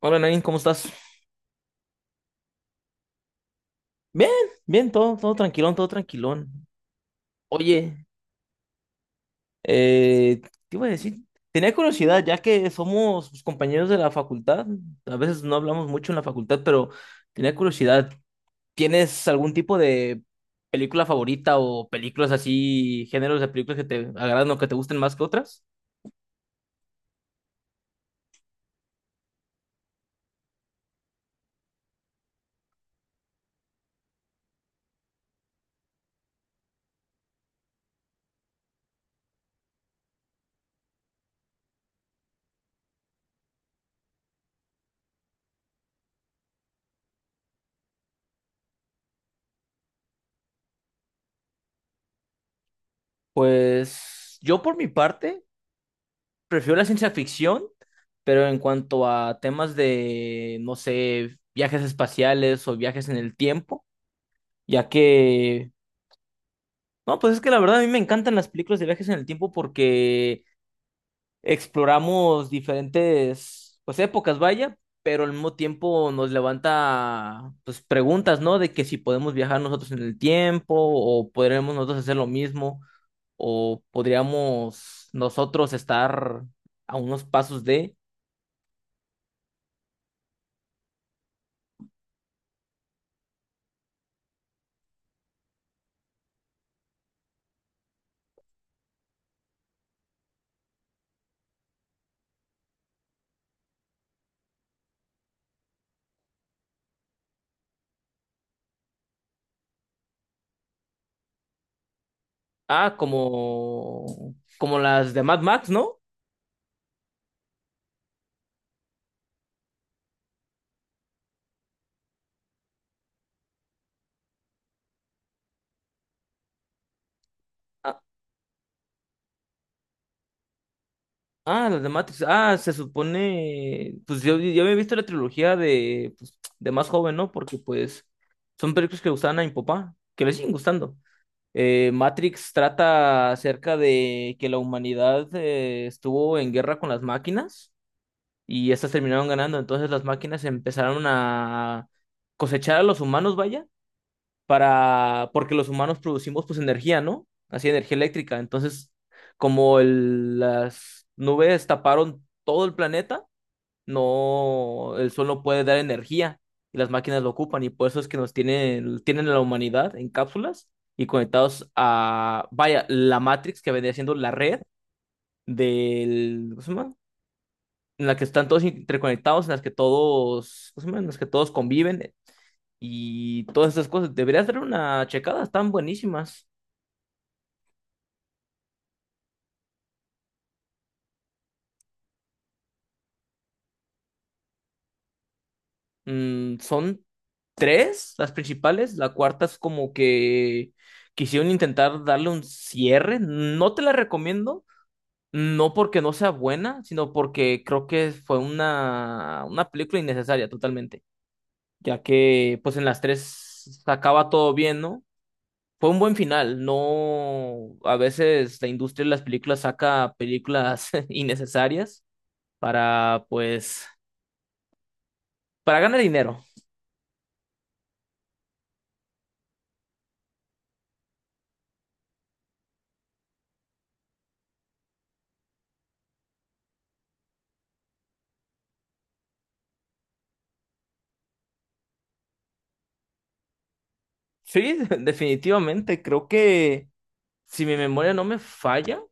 Hola Nain, ¿cómo estás? Bien, bien, todo tranquilón, todo tranquilón. Oye, eh, ¿qué iba a decir? Tenía curiosidad, ya que somos pues, compañeros de la facultad, a veces no hablamos mucho en la facultad, pero tenía curiosidad, ¿tienes algún tipo de película favorita o películas así, géneros de películas que te agradan o que te gusten más que otras? Pues yo por mi parte, prefiero la ciencia ficción, pero en cuanto a temas de, no sé, viajes espaciales o viajes en el tiempo, ya que, no, pues es que la verdad a mí me encantan las películas de viajes en el tiempo porque exploramos diferentes, pues épocas, vaya, pero al mismo tiempo nos levanta, pues preguntas, ¿no? De que si podemos viajar nosotros en el tiempo o podremos nosotros hacer lo mismo o podríamos nosotros estar a unos pasos de... Ah, como, como las de Mad Max, ¿no? Ah, ah, las de Matrix. Ah, se supone, pues yo había visto la trilogía de, pues, de más joven, ¿no? Porque pues son películas que le gustaban a mi papá, que le siguen gustando. Matrix trata acerca de que la humanidad estuvo en guerra con las máquinas y estas terminaron ganando. Entonces las máquinas empezaron a cosechar a los humanos, vaya para, porque los humanos producimos pues energía, ¿no? Así energía eléctrica. Entonces, como el- las nubes taparon todo el planeta, no, el sol no puede dar energía y las máquinas lo ocupan y por eso es que nos tienen, tienen a la humanidad en cápsulas y conectados a, vaya, la Matrix que vendría siendo la red del, ¿cómo se llama? En la que están todos interconectados, en las que todos, ¿cómo se llama? En las que todos conviven y todas esas cosas. Deberías dar una checada, están buenísimas. Mm, son tres las principales, la cuarta es como que quisieron intentar darle un cierre. No te la recomiendo, no porque no sea buena, sino porque creo que fue una película innecesaria totalmente, ya que pues en las tres acaba todo bien, ¿no? Fue un buen final, no, a veces la industria de las películas saca películas innecesarias para, pues, para ganar dinero. Sí, definitivamente. Creo que, si mi memoria no me falla,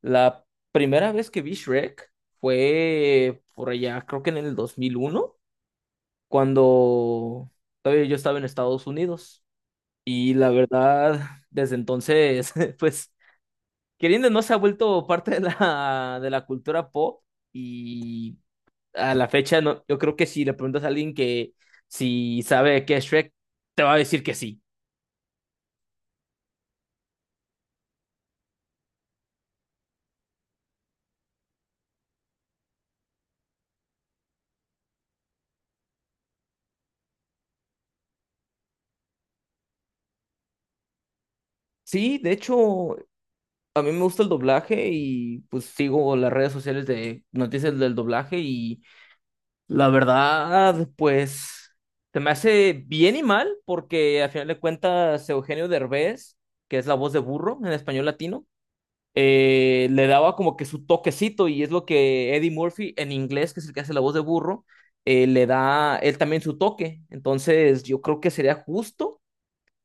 la primera vez que vi Shrek fue por allá, creo que en el 2001 cuando todavía yo estaba en Estados Unidos. Y la verdad, desde entonces, pues, queriendo o no se ha vuelto parte de la cultura pop. Y a la fecha, no, yo creo que si le preguntas a alguien que si sabe qué es Shrek, te va a decir que sí. Sí, de hecho, a mí me gusta el doblaje y pues sigo las redes sociales de noticias del doblaje y la verdad, pues se me hace bien y mal porque al final de cuentas Eugenio Derbez, que es la voz de burro en español latino, le daba como que su toquecito y es lo que Eddie Murphy en inglés, que es el que hace la voz de burro, le da él también su toque. Entonces yo creo que sería justo,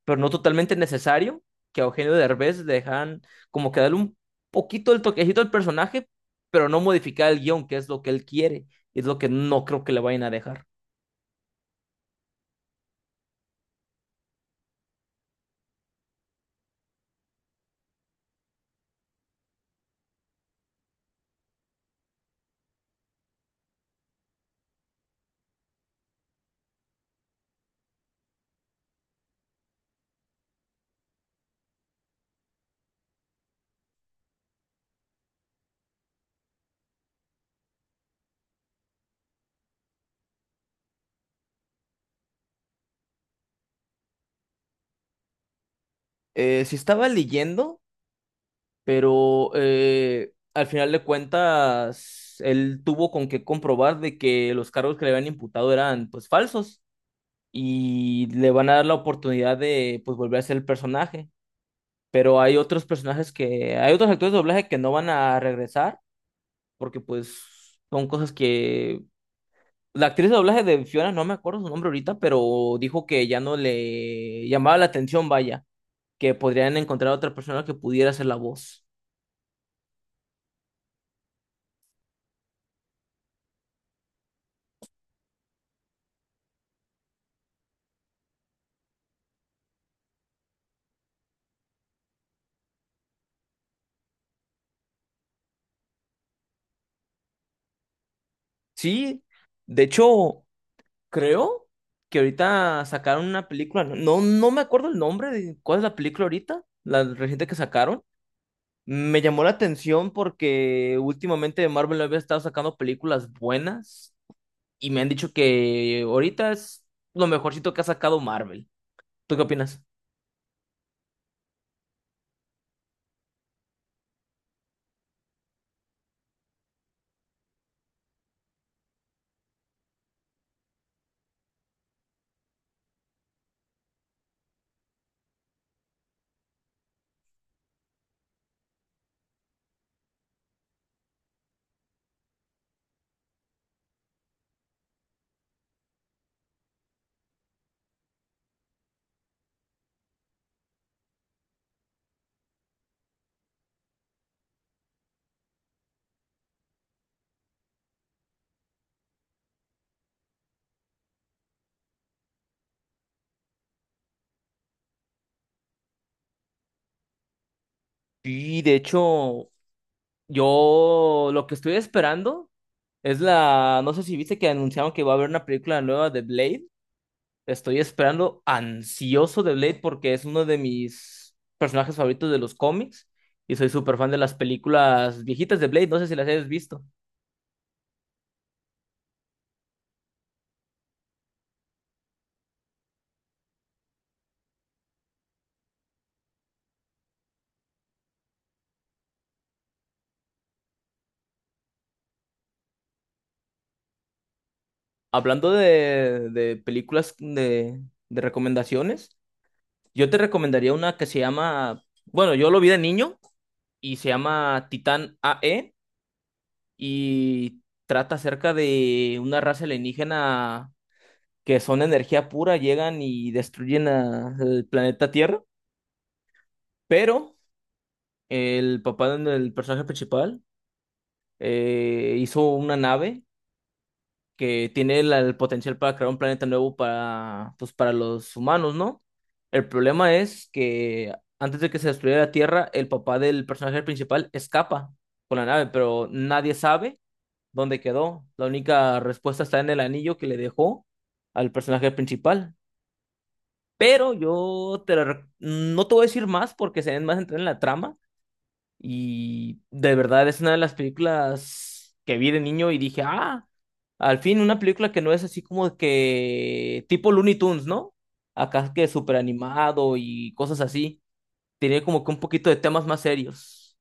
pero no totalmente necesario, que a Eugenio Derbez le dejaran como que darle un poquito el toquecito al personaje, pero no modificar el guión, que es lo que él quiere, y es lo que no creo que le vayan a dejar. Si estaba leyendo... pero al final de cuentas, él tuvo con qué comprobar de que los cargos que le habían imputado eran pues falsos y le van a dar la oportunidad de pues volver a ser el personaje. Pero hay otros personajes que, hay otros actores de doblaje que no van a regresar porque pues son cosas que... La actriz de doblaje de Fiona, no me acuerdo su nombre ahorita, pero dijo que ya no le llamaba la atención, vaya, que podrían encontrar a otra persona que pudiera hacer la voz. Sí, de hecho, creo que ahorita sacaron una película, no, no me acuerdo el nombre de cuál es la película ahorita, la reciente que sacaron. Me llamó la atención porque últimamente Marvel había estado sacando películas buenas y me han dicho que ahorita es lo mejorcito que ha sacado Marvel. ¿Tú qué opinas? Y de hecho, yo lo que estoy esperando es la, no sé si viste que anunciaron que va a haber una película nueva de Blade. Estoy esperando ansioso de Blade porque es uno de mis personajes favoritos de los cómics y soy súper fan de las películas viejitas de Blade. No sé si las hayas visto. Hablando de películas de recomendaciones, yo te recomendaría una que se llama, bueno, yo lo vi de niño y se llama Titán AE y trata acerca de una raza alienígena que son energía pura, llegan y destruyen a- el planeta Tierra, pero el papá del personaje principal hizo una nave que tiene la- el potencial para crear un planeta nuevo para, pues, para los humanos, ¿no? El problema es que antes de que se destruyera la Tierra, el papá del personaje principal escapa con la nave, pero nadie sabe dónde quedó. La única respuesta está en el anillo que le dejó al personaje principal. Pero yo te la rec- no te voy a decir más porque se den más entrar en la trama. Y de verdad es una de las películas que vi de niño y dije, ah, al fin una película que no es así como que tipo Looney Tunes, ¿no? Acá que súper animado y cosas así. Tiene como que un poquito de temas más serios.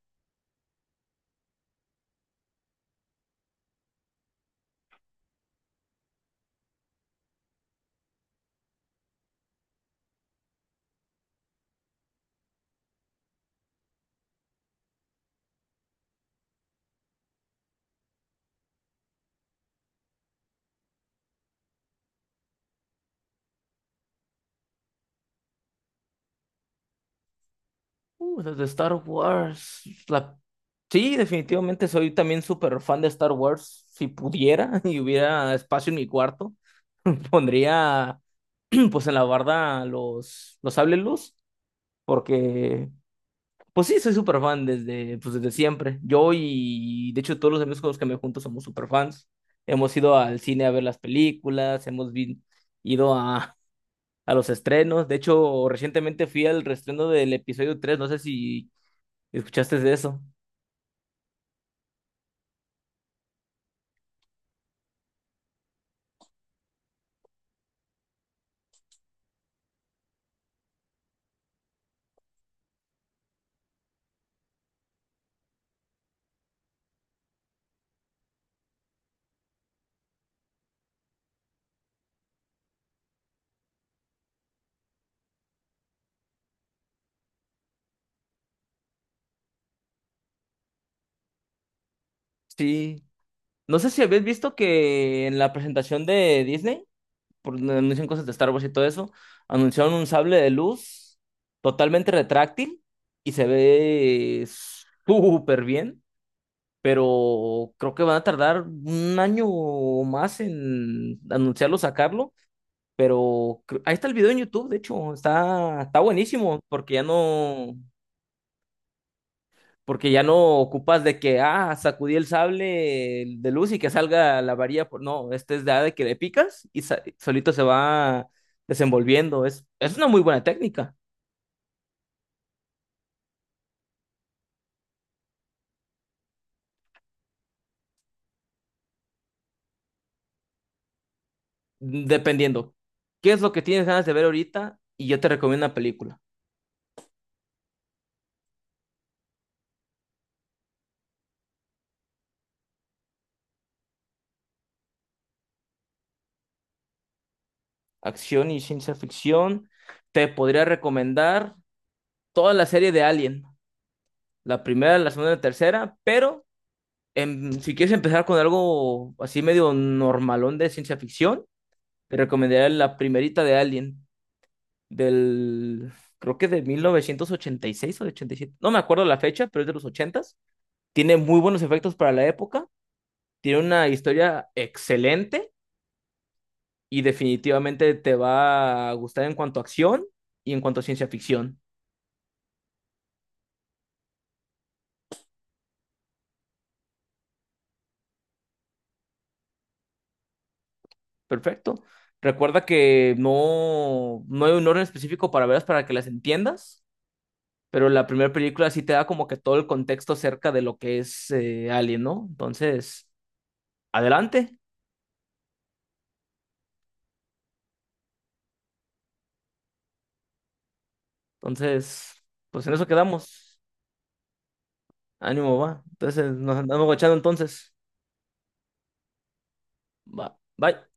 Las de Star Wars. La- Sí, definitivamente soy también súper fan de Star Wars. Si pudiera y hubiera espacio en mi cuarto, pondría pues en la barda los sables luz, porque pues sí, soy súper fan desde, pues desde siempre. Yo y de hecho todos los amigos con los que me junto somos súper fans. Hemos ido al cine a ver las películas, hemos vi- ido a los estrenos. De hecho, recientemente fui al reestreno del episodio 3. No sé si escuchaste de eso. Sí. No sé si habías visto que en la presentación de Disney, por donde anuncian cosas de Star Wars y todo eso, anunciaron un sable de luz totalmente retráctil y se ve súper bien, pero creo que van a tardar un año o más en anunciarlo, sacarlo, pero cre- ahí está el video en YouTube, de hecho, está, está buenísimo, porque ya no ocupas de que, ah, sacudí el sable de luz y que salga la varilla, por- no, este es de, ah, de que le picas y sa- solito se va desenvolviendo, es una muy buena técnica, dependiendo. ¿Qué es lo que tienes ganas de ver ahorita? Y yo te recomiendo una película. Acción y ciencia ficción. Te podría recomendar toda la serie de Alien, la primera, la segunda y la tercera, pero si quieres empezar con algo así medio normalón de ciencia ficción, te recomendaría la primerita de Alien, del, creo que de 1986 o de 87, no me acuerdo la fecha, pero es de los 80's. Tiene muy buenos efectos para la época, tiene una historia excelente y definitivamente te va a gustar en cuanto a acción y en cuanto a ciencia ficción. Perfecto. Recuerda que no, no hay un orden específico para verlas para que las entiendas, pero la primera película sí te da como que todo el contexto acerca de lo que es Alien, ¿no? Entonces, adelante. Entonces, pues en eso quedamos. Ánimo, va. Entonces, nos andamos guachando entonces. Va. Bye.